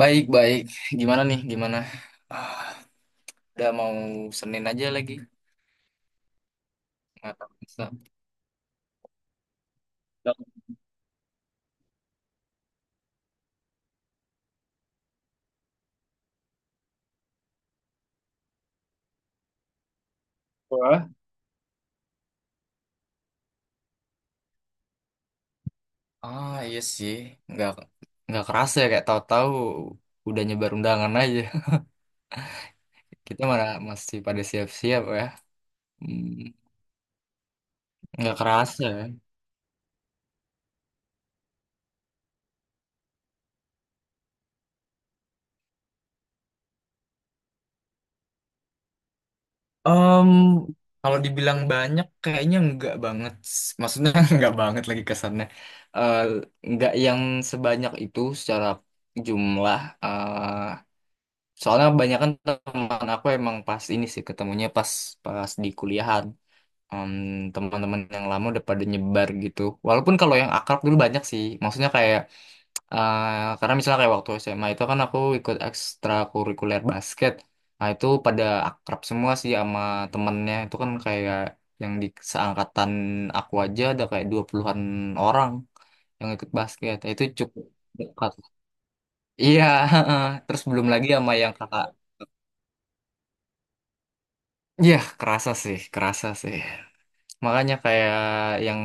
Baik, baik. Gimana nih? Gimana? Ah, udah mau Senin aja lagi. Nggak kerasa. Wah, Ah, iya sih. Nggak, nggak kerasa ya. Kayak tahu-tahu udah nyebar undangan aja. Kita mana masih pada siap-siap ya. Hmm, nggak kerasa ya. Em, kalau dibilang banyak, kayaknya nggak banget. Maksudnya nggak banget lagi kesannya. Eh, nggak yang sebanyak itu secara jumlah. Soalnya kebanyakan teman aku emang pas ini sih ketemunya pas pas di kuliahan. Em, teman-teman yang lama udah pada nyebar gitu. Walaupun kalau yang akrab dulu banyak sih. Maksudnya kayak karena misalnya kayak waktu SMA itu kan aku ikut ekstrakurikuler basket. Nah, itu pada akrab semua sih sama temennya. Itu kan kayak yang di seangkatan aku aja ada kayak 20-an orang yang ikut basket. Nah, itu cukup dekat. Iya, terus belum lagi sama yang kakak. Iya, kerasa sih, kerasa sih. Makanya kayak yang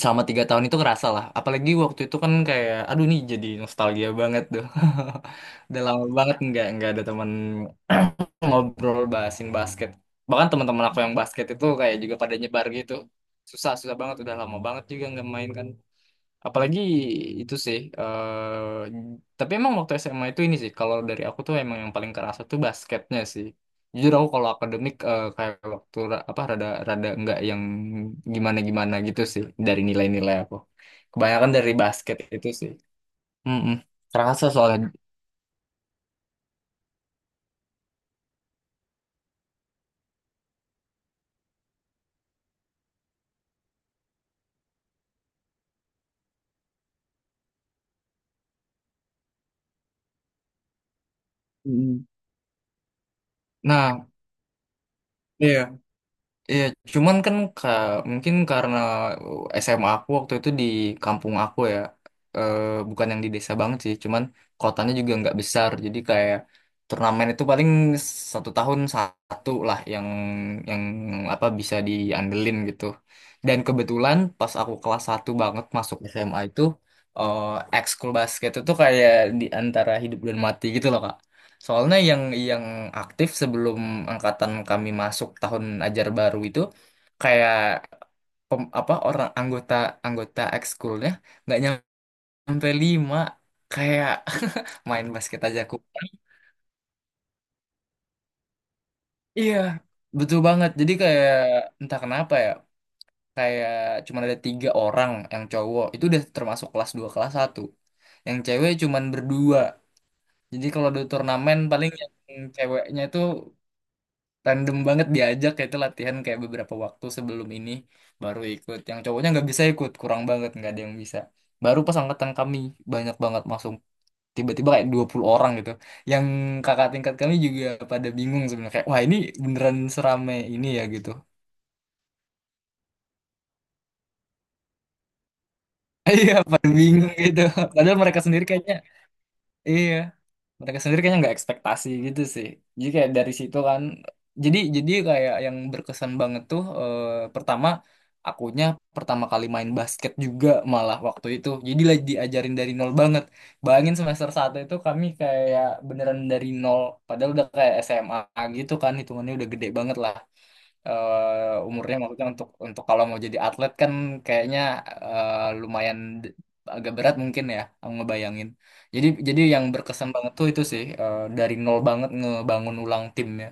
selama 3 tahun itu kerasa lah. Apalagi waktu itu kan kayak, aduh nih jadi nostalgia banget tuh. Udah lama banget nggak ada teman ngobrol bahasin basket. Bahkan teman-teman aku yang basket itu kayak juga pada nyebar gitu. Susah, susah banget. Udah lama banget juga nggak main kan. Apalagi itu sih. Tapi emang waktu SMA itu ini sih. Kalau dari aku tuh emang yang paling kerasa tuh basketnya sih. Jujur aku kalau akademik kayak waktu apa rada rada nggak yang gimana gimana gitu sih dari nilai-nilai aku. Kebanyakan dari basket itu sih. Mm-mm. Kerasa soalnya. Mm. Nah, iya. Iya, cuman kan mungkin karena SMA aku waktu itu di kampung aku ya, eh, bukan yang di desa banget sih, cuman kotanya juga nggak besar, jadi kayak turnamen itu paling satu tahun satu lah yang yang apa bisa diandelin gitu. Dan kebetulan pas aku kelas satu banget masuk SMA itu, eh ekskul basket itu kayak di antara hidup dan mati gitu loh. Soalnya yang yang aktif sebelum angkatan kami masuk tahun ajar baru itu kayak apa orang anggota anggota ekskulnya nggak nyampe lima, kayak main basket aja aku. Iya, betul banget. Jadi kayak entah kenapa ya, kayak cuma ada tiga orang yang cowok itu udah termasuk kelas 2 kelas satu. Yang cewek cuman berdua. Jadi kalau ada turnamen paling yang ceweknya itu random banget diajak kayak itu latihan kayak beberapa waktu sebelum ini baru ikut, yang cowoknya nggak bisa ikut, kurang banget, nggak ada yang bisa. Baru pas angkatan kami banyak banget masuk, tiba-tiba kayak 20 orang gitu, yang kakak tingkat kami juga pada bingung sebenarnya kayak wah ini beneran seramai ini ya gitu. Iya pada bingung gitu, padahal mereka sendiri kayaknya, iya, mereka sendiri kayaknya nggak ekspektasi gitu sih. Jadi kayak dari situ kan jadi kayak yang berkesan banget tuh pertama akunya pertama kali main basket juga, malah waktu itu jadi lagi diajarin dari nol banget. Bayangin semester satu itu kami kayak beneran dari nol, padahal udah kayak SMA gitu kan, hitungannya udah gede banget lah. Umurnya maksudnya untuk kalau mau jadi atlet kan kayaknya eh, lumayan d- agak berat mungkin ya aku ngebayangin. Jadi yang berkesan banget tuh itu sih, dari nol banget ngebangun ulang timnya.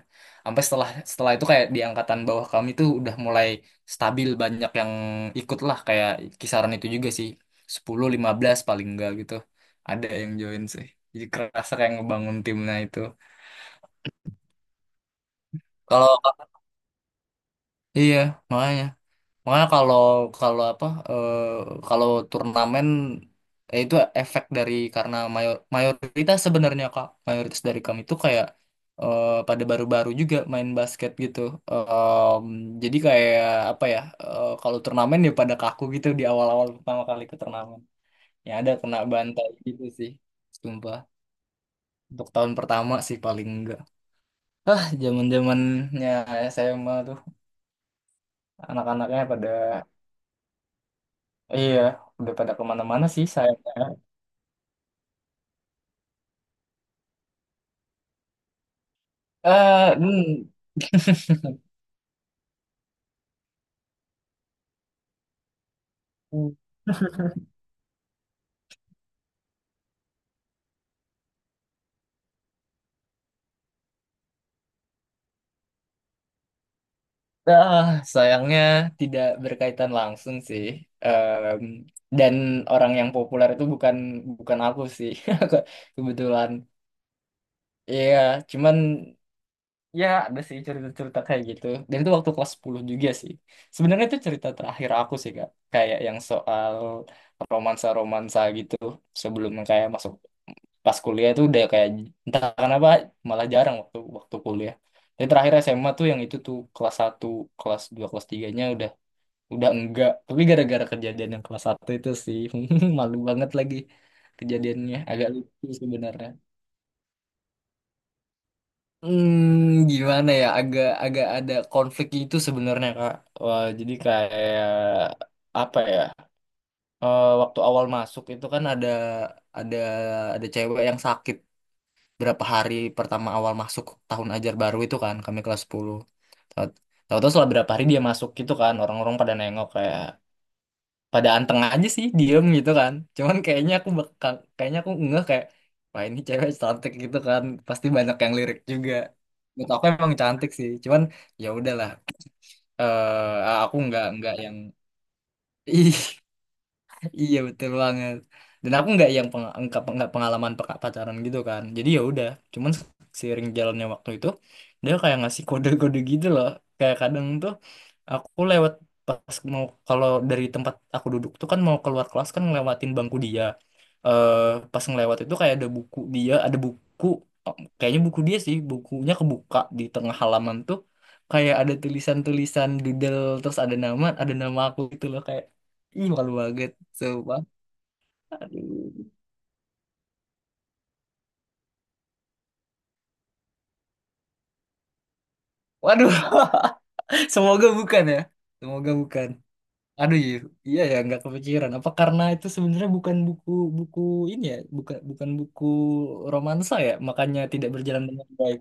Sampai setelah setelah itu kayak di angkatan bawah kami tuh udah mulai stabil, banyak yang ikut lah kayak kisaran itu juga sih, 10 15 paling enggak gitu. Ada yang join sih. Jadi kerasa kayak ngebangun timnya itu. Kalau iya, Makanya Makanya kalau kalau apa kalau turnamen ya itu efek dari, karena mayoritas sebenarnya Kak, mayoritas dari kami itu kayak pada baru-baru juga main basket gitu. Em, jadi kayak apa ya, kalau turnamen ya pada kaku gitu di awal-awal pertama kali ke turnamen. Ya ada kena bantai gitu sih. Sumpah. Untuk tahun pertama sih paling enggak. Ah, zaman-zamannya SMA tuh anak-anaknya pada, iya, udah pada kemana-mana sih sayangnya. Hmm, hmm. Ah, sayangnya tidak berkaitan langsung sih. Em, dan orang yang populer itu bukan bukan aku sih, Aku- kebetulan. Iya, cuman ya ada sih cerita-cerita kayak gitu. Dan itu waktu kelas 10 juga sih. Sebenarnya itu cerita terakhir aku sih, Kak. Kayak yang soal romansa-romansa gitu sebelum kayak masuk pas kuliah itu udah kayak entah kenapa malah jarang waktu waktu kuliah. Tapi terakhir SMA tuh yang itu tuh kelas satu, kelas 2, kelas tiganya udah enggak. Tapi gara-gara kejadian yang kelas satu itu sih, malu banget lagi. Kejadiannya agak lucu sebenarnya. Gimana ya? Agak agak ada konflik itu sebenarnya Kak. Wah, jadi kayak apa ya? Waktu awal masuk itu kan ada ada ada cewek yang sakit berapa hari pertama awal masuk tahun ajar baru itu kan, kami kelas 10. Tahu- Tahu-tahu setelah berapa hari dia masuk gitu kan, orang-orang pada nengok kayak pada anteng aja sih diem gitu kan. Cuman kayaknya aku ngeh kayak wah ini cewek cantik gitu kan, pasti banyak yang lirik juga. Menurut aku emang cantik sih, cuman ya udahlah. Aku nggak yang ih. Iya, betul banget. Dan aku nggak yang nggak pengalaman pacaran gitu kan. Jadi ya udah, cuman seiring jalannya waktu itu dia kayak ngasih kode-kode gitu loh. Kayak kadang tuh aku lewat pas mau, kalau dari tempat aku duduk tuh kan mau keluar kelas kan ngelewatin bangku dia. Eh pas ngelewat itu kayak ada buku dia, ada buku, oh, kayaknya buku dia sih, bukunya kebuka di tengah halaman tuh, kayak ada tulisan-tulisan doodle terus ada nama aku gitu loh. Ih, malu banget. Sumpah. Aduh. Waduh. Semoga bukan ya. Semoga bukan. Aduh, iya, iya ya, nggak kepikiran. Apa karena itu sebenarnya bukan buku, buku ini ya, bukan bukan buku romansa ya, makanya tidak berjalan dengan baik.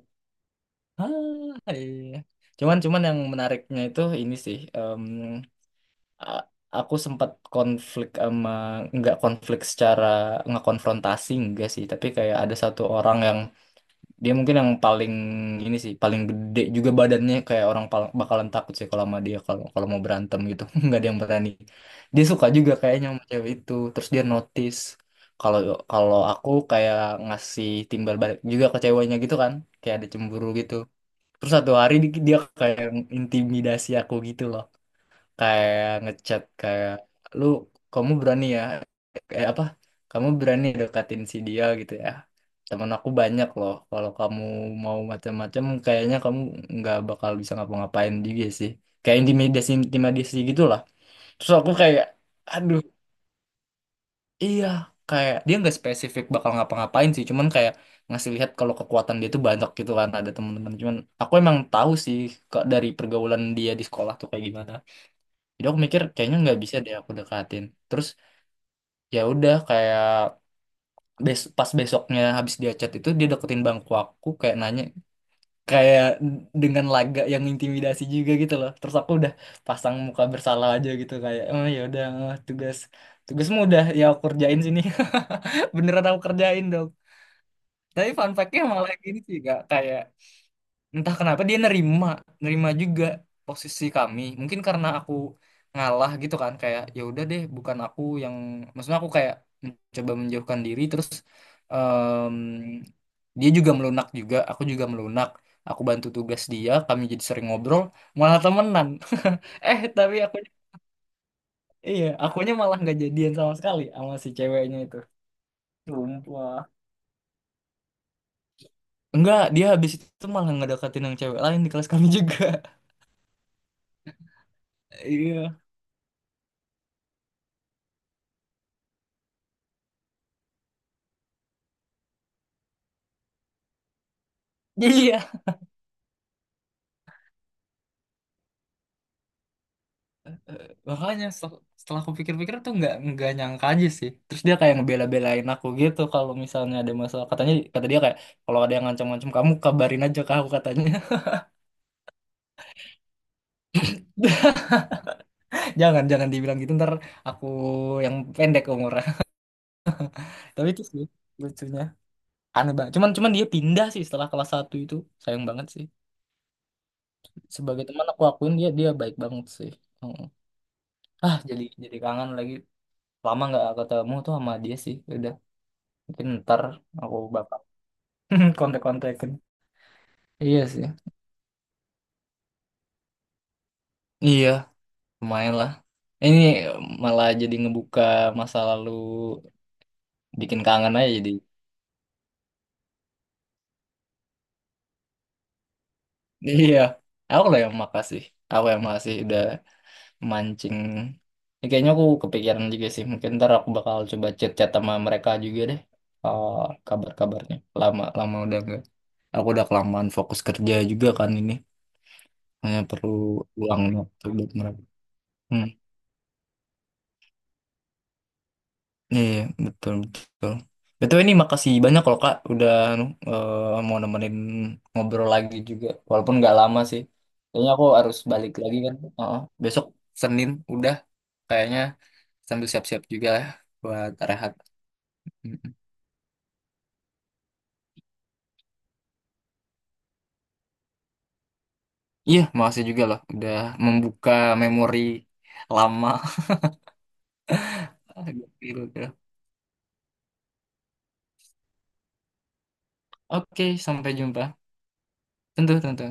Ah, iya. Cuman Cuman yang menariknya itu ini sih. A- aku sempat konflik sama, nggak konflik secara, nggak konfrontasi enggak sih, tapi kayak ada satu orang yang dia mungkin yang paling ini sih, paling gede juga badannya, kayak orang bakalan takut sih kalau sama dia kalau kalau mau berantem gitu. Nggak ada yang berani. Dia suka juga kayaknya sama cewek itu. Terus dia notice kalau kalau aku kayak ngasih timbal balik juga ke ceweknya gitu kan, kayak ada cemburu gitu. Terus satu hari dia kayak intimidasi aku gitu loh, kayak ngechat kayak lu kamu berani ya, apa kamu berani deketin si dia gitu ya, temen aku banyak loh, kalau kamu mau macam-macam kayaknya kamu nggak bakal bisa ngapa-ngapain juga sih, kayak intimidasi intimidasi gitu lah. Terus aku kayak aduh, iya, kayak dia nggak spesifik bakal ngapa-ngapain sih cuman kayak ngasih lihat kalau kekuatan dia tuh banyak gitu kan ada temen-temen. Cuman aku emang tahu sih kok dari pergaulan dia di sekolah tuh kayak gimana, jadi aku mikir kayaknya nggak bisa deh aku dekatin. Terus ya udah kayak, pas besoknya habis dia chat itu, dia deketin bangku aku kayak nanya kayak dengan laga yang intimidasi juga gitu loh. Terus aku udah pasang muka bersalah aja gitu kayak oh ya udah, tugasmu udah ya aku kerjain sini. Beneran aku kerjain dong. Tapi fun fact-nya malah gini sih Kak, kayak entah kenapa dia nerima, nerima juga posisi kami, mungkin karena aku ngalah gitu kan, kayak ya udah deh bukan aku yang, maksudnya aku kayak mencoba menjauhkan diri terus. em, Dia juga melunak juga, aku juga melunak, aku bantu tugas dia, kami jadi sering ngobrol, malah temenan. Tapi aku, iya, akunya malah nggak jadian sama sekali sama si ceweknya itu. Sumpah. Enggak, dia habis itu malah ngedeketin yang cewek lain di kelas kami juga. Iya, iya, makanya setelah aku pikir-pikir tuh nggak nyangka aja sih. Terus dia kayak ngebela-belain aku gitu kalau misalnya ada masalah, katanya, kata dia kayak kalau ada yang ngancam-ngancam kamu kabarin aja ke aku, katanya. Jangan jangan dibilang gitu ntar aku yang pendek umurnya. Tapi itu sih lucunya, aneh banget. Cuman Cuman dia pindah sih setelah kelas satu itu, sayang banget sih. Sebagai teman aku akuin dia, dia baik banget sih. Heeh. Ah, jadi kangen lagi. Lama nggak ketemu tuh sama dia sih, udah. Mungkin ntar aku bakal kontak-kontakin. Iya sih. Iya, lumayan lah. Ini malah jadi ngebuka masa lalu, bikin kangen aja jadi. Iya, aku lah yang makasih. Aku yang makasih udah mancing. Ya, kayaknya aku kepikiran juga sih. Mungkin ntar aku bakal coba chat-chat sama mereka juga deh. Eh, kabar-kabarnya. Lama lama udah nggak. Aku udah kelamaan fokus kerja juga kan ini. Hanya perlu luang waktu buat mereka. Hmm. Iya, iya, betul, betul. Betul, ini makasih banyak loh Kak udah anu, mau nemenin ngobrol lagi juga. Walaupun nggak lama sih. Kayaknya aku harus balik lagi kan. Heeh. Besok Senin udah kayaknya, sambil siap-siap juga lah buat rehat. Mm-mm. Iya, makasih juga loh udah membuka memori lama. Gitu. Oke, sampai jumpa. Tentu, tentu.